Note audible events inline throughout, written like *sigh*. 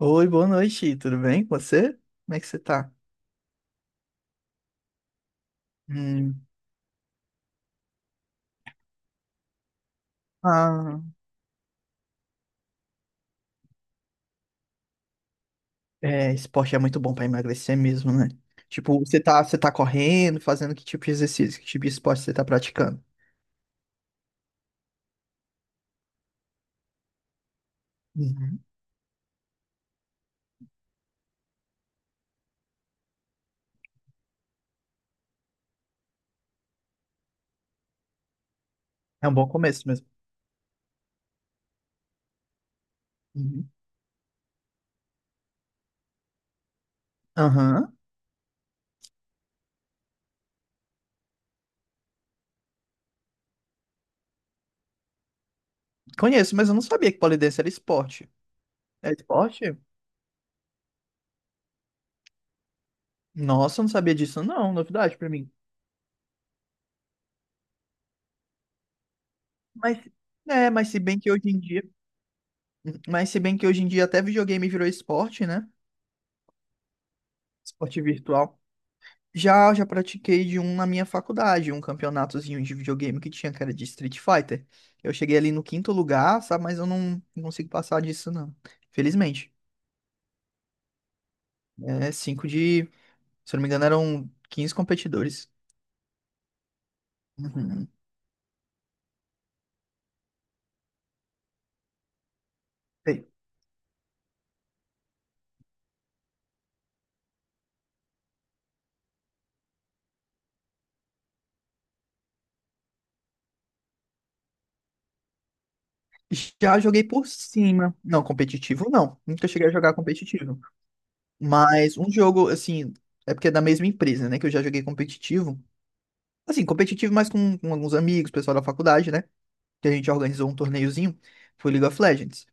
Oi, boa noite, tudo bem com você? Como é que você tá? Hum, ah, é, esporte é muito bom pra emagrecer mesmo, né? Tipo, você tá correndo, fazendo que tipo de exercício, que tipo de esporte você tá praticando? Uhum. É um bom começo mesmo. Uhum. Aham. Conheço, mas eu não sabia que pole dance era esporte. É esporte? Nossa, eu não sabia disso, não, novidade pra mim. Mas, mas se bem que hoje em dia, mas se bem que hoje em dia até videogame virou esporte, né? Esporte virtual. Já pratiquei de um na minha faculdade, um campeonatozinho de videogame que tinha, que era de Street Fighter. Eu cheguei ali no quinto lugar, sabe? Mas eu não consigo passar disso, não. Felizmente. É cinco de... Se eu não me engano, eram 15 competidores. Uhum. Sei. Já joguei por cima. Não, competitivo não. Nunca cheguei a jogar competitivo. Mas um jogo, assim, é porque é da mesma empresa, né? Que eu já joguei competitivo. Assim, competitivo, mas com alguns amigos, pessoal da faculdade, né? Que a gente organizou um torneiozinho. Foi League of Legends.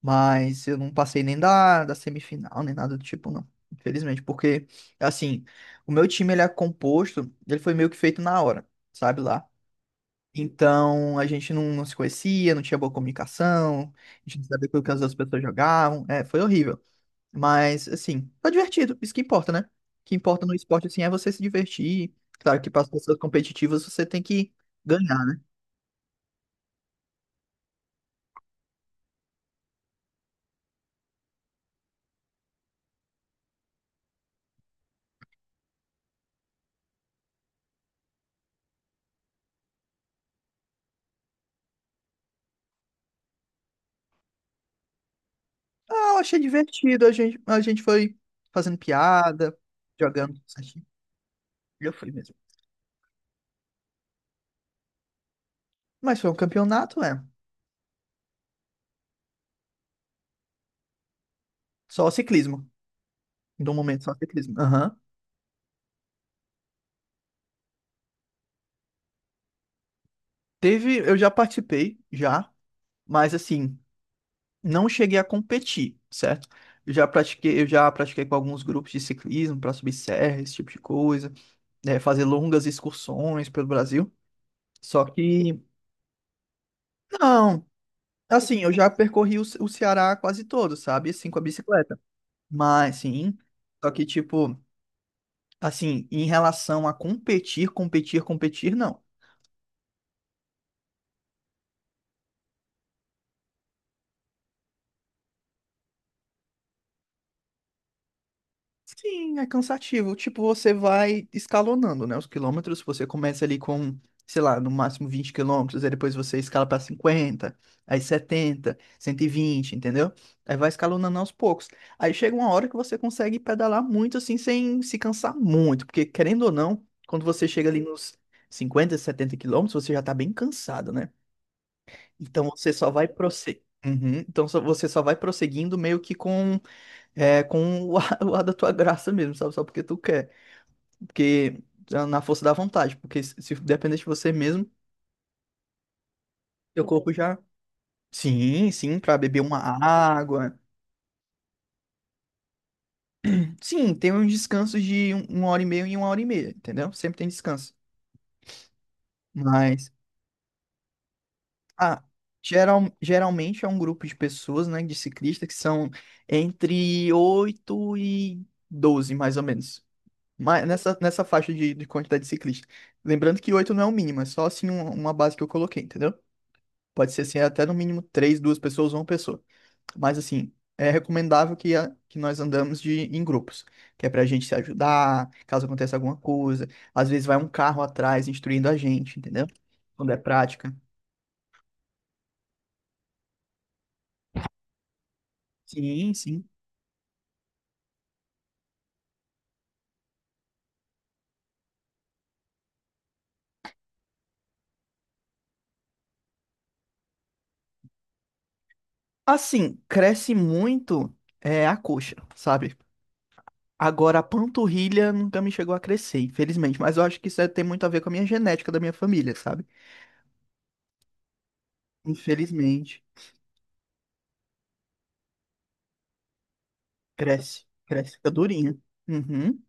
Mas eu não passei nem da semifinal, nem nada do tipo, não. Infelizmente, porque, assim, o meu time, ele é composto, ele foi meio que feito na hora, sabe lá. Então, a gente não se conhecia, não tinha boa comunicação, a gente não sabia o que as outras pessoas jogavam, foi horrível. Mas, assim, foi divertido, isso que importa, né? O que importa no esporte, assim, é você se divertir. Claro que para as pessoas competitivas você tem que ganhar, né? Ah, eu achei divertido, a gente foi fazendo piada, jogando Já fui mesmo. Mas foi um campeonato, é. Só ciclismo. No momento, só ciclismo. Aham. Teve, eu já participei, já, mas assim, não cheguei a competir, certo? Eu já pratiquei com alguns grupos de ciclismo para subir serra, esse tipo de coisa, né, fazer longas excursões pelo Brasil. Só que, não, assim, eu já percorri o Ceará quase todo, sabe? Assim, com a bicicleta. Mas, sim, só que, tipo, assim, em relação a competir, competir, competir, não. Sim, é cansativo. Tipo, você vai escalonando, né? Os quilômetros, você começa ali com, sei lá, no máximo 20 quilômetros, aí depois você escala para 50, aí 70, 120, entendeu? Aí vai escalonando aos poucos. Aí chega uma hora que você consegue pedalar muito assim, sem se cansar muito, porque querendo ou não, quando você chega ali nos 50, 70 quilômetros, você já tá bem cansado, né? Então você só vai prosseguir. Então você só vai prosseguindo meio que com o ar, *laughs* o ar da tua graça mesmo, sabe? Só porque tu quer. Porque tá na força da vontade. Porque se depender de você mesmo, teu corpo já. Sim, sim, pra beber uma água. Sim, tem uns descansos de uma hora e meia e uma hora e meia, entendeu? Sempre tem descanso. Mas, ah, geralmente é um grupo de pessoas, né, de ciclistas, que são entre 8 e 12, mais ou menos. Mas nessa faixa de quantidade de ciclistas. Lembrando que 8 não é o mínimo, é só assim uma base que eu coloquei, entendeu? Pode ser assim, é até no mínimo três, duas pessoas ou uma pessoa. Mas assim, é recomendável que, que nós andamos em grupos, que é pra gente se ajudar, caso aconteça alguma coisa. Às vezes vai um carro atrás instruindo a gente, entendeu? Quando é prática. Sim, sim. Assim, cresce muito a coxa, sabe? Agora, a panturrilha nunca me chegou a crescer, infelizmente. Mas eu acho que isso tem muito a ver com a minha genética da minha família, sabe? Infelizmente. Cresce. Cresce, fica durinha. Uhum.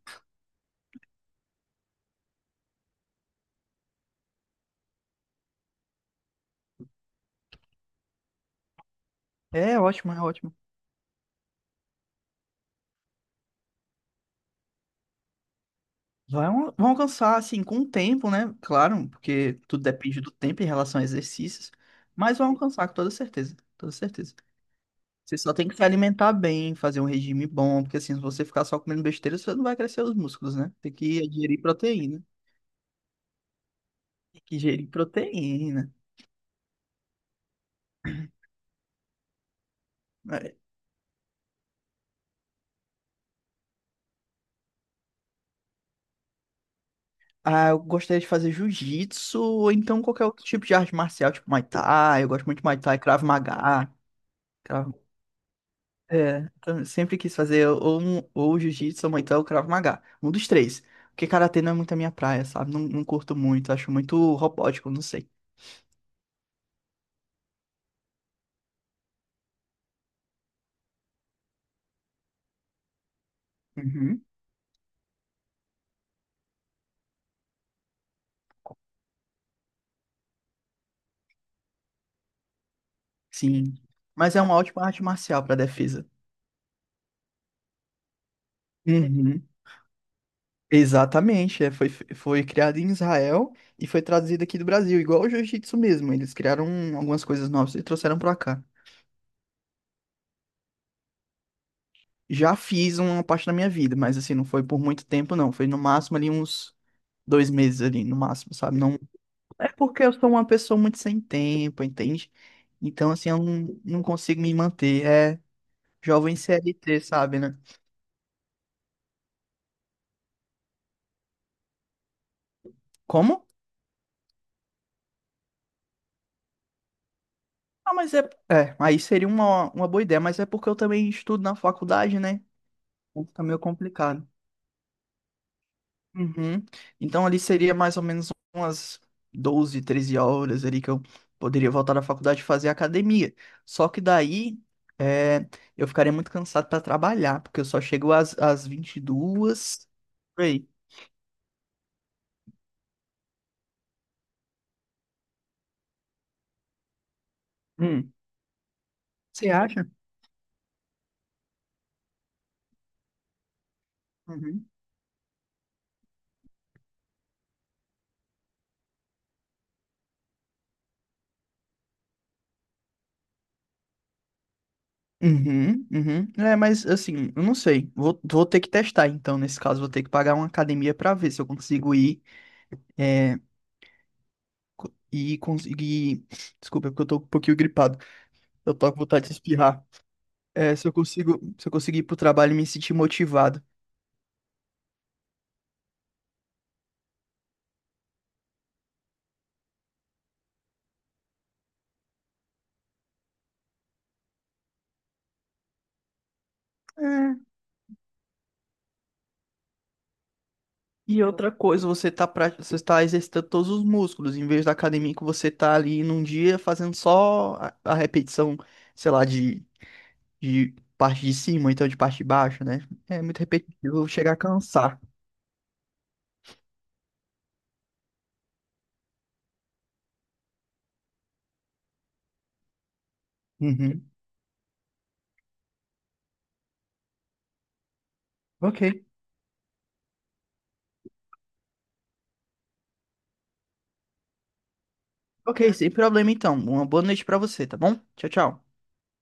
É ótimo, é ótimo. Vai, vão alcançar, assim, com o tempo, né? Claro, porque tudo depende do tempo em relação a exercícios. Mas vão alcançar, com toda certeza. Toda certeza. Você só tem que se alimentar bem, fazer um regime bom, porque assim, se você ficar só comendo besteira, você não vai crescer os músculos, né? Tem que ingerir proteína. Tem que ingerir proteína. É, Ah, eu gostaria de fazer jiu-jitsu, ou então qualquer outro tipo de arte marcial, tipo Muay Thai. Eu gosto muito de Muay Thai, Krav Maga. Krav... então, eu sempre quis fazer ou jiu-jitsu, ou Muay Thai, ou Krav Maga. Um dos três. Porque karatê não é muito a minha praia, sabe? Não, não curto muito, acho muito robótico, não sei. Uhum. Sim. Mas é uma ótima arte marcial para defesa. Uhum. Exatamente, foi criado em Israel e foi traduzido aqui do Brasil, igual o jiu-jitsu mesmo. Eles criaram algumas coisas novas e trouxeram para cá. Já fiz uma parte da minha vida, mas assim, não foi por muito tempo, não. Foi no máximo ali uns 2 meses ali, no máximo, sabe? Não... É porque eu sou uma pessoa muito sem tempo, entende? Então, assim, eu não consigo me manter. É jovem CLT, sabe, né? Como? Ah, mas é. É, aí seria uma boa ideia, mas é porque eu também estudo na faculdade, né? Então, fica meio complicado. Uhum. Então ali seria mais ou menos umas 12, 13 horas ali que eu poderia voltar da faculdade e fazer academia. Só que daí, é, eu ficaria muito cansado para trabalhar, porque eu só chego às 22. Por aí. Hum. Você acha? Uhum. Uhum, uhum. É, mas assim, eu não sei. Vou ter que testar, então, nesse caso, vou ter que pagar uma academia para ver se eu consigo ir. É, e conseguir. Desculpa, porque eu tô um pouquinho gripado. Eu tô com vontade de espirrar. É, se eu conseguir ir pro trabalho e me sentir motivado. É. E outra coisa, você tá exercitando todos os músculos, em vez da academia que você tá ali num dia fazendo só a repetição, sei lá, de parte de cima, então de parte de baixo, né? É muito repetitivo, chegar a cansar. Uhum. Ok. Ok, sem problema então. Uma boa noite pra você, tá bom? Tchau, tchau.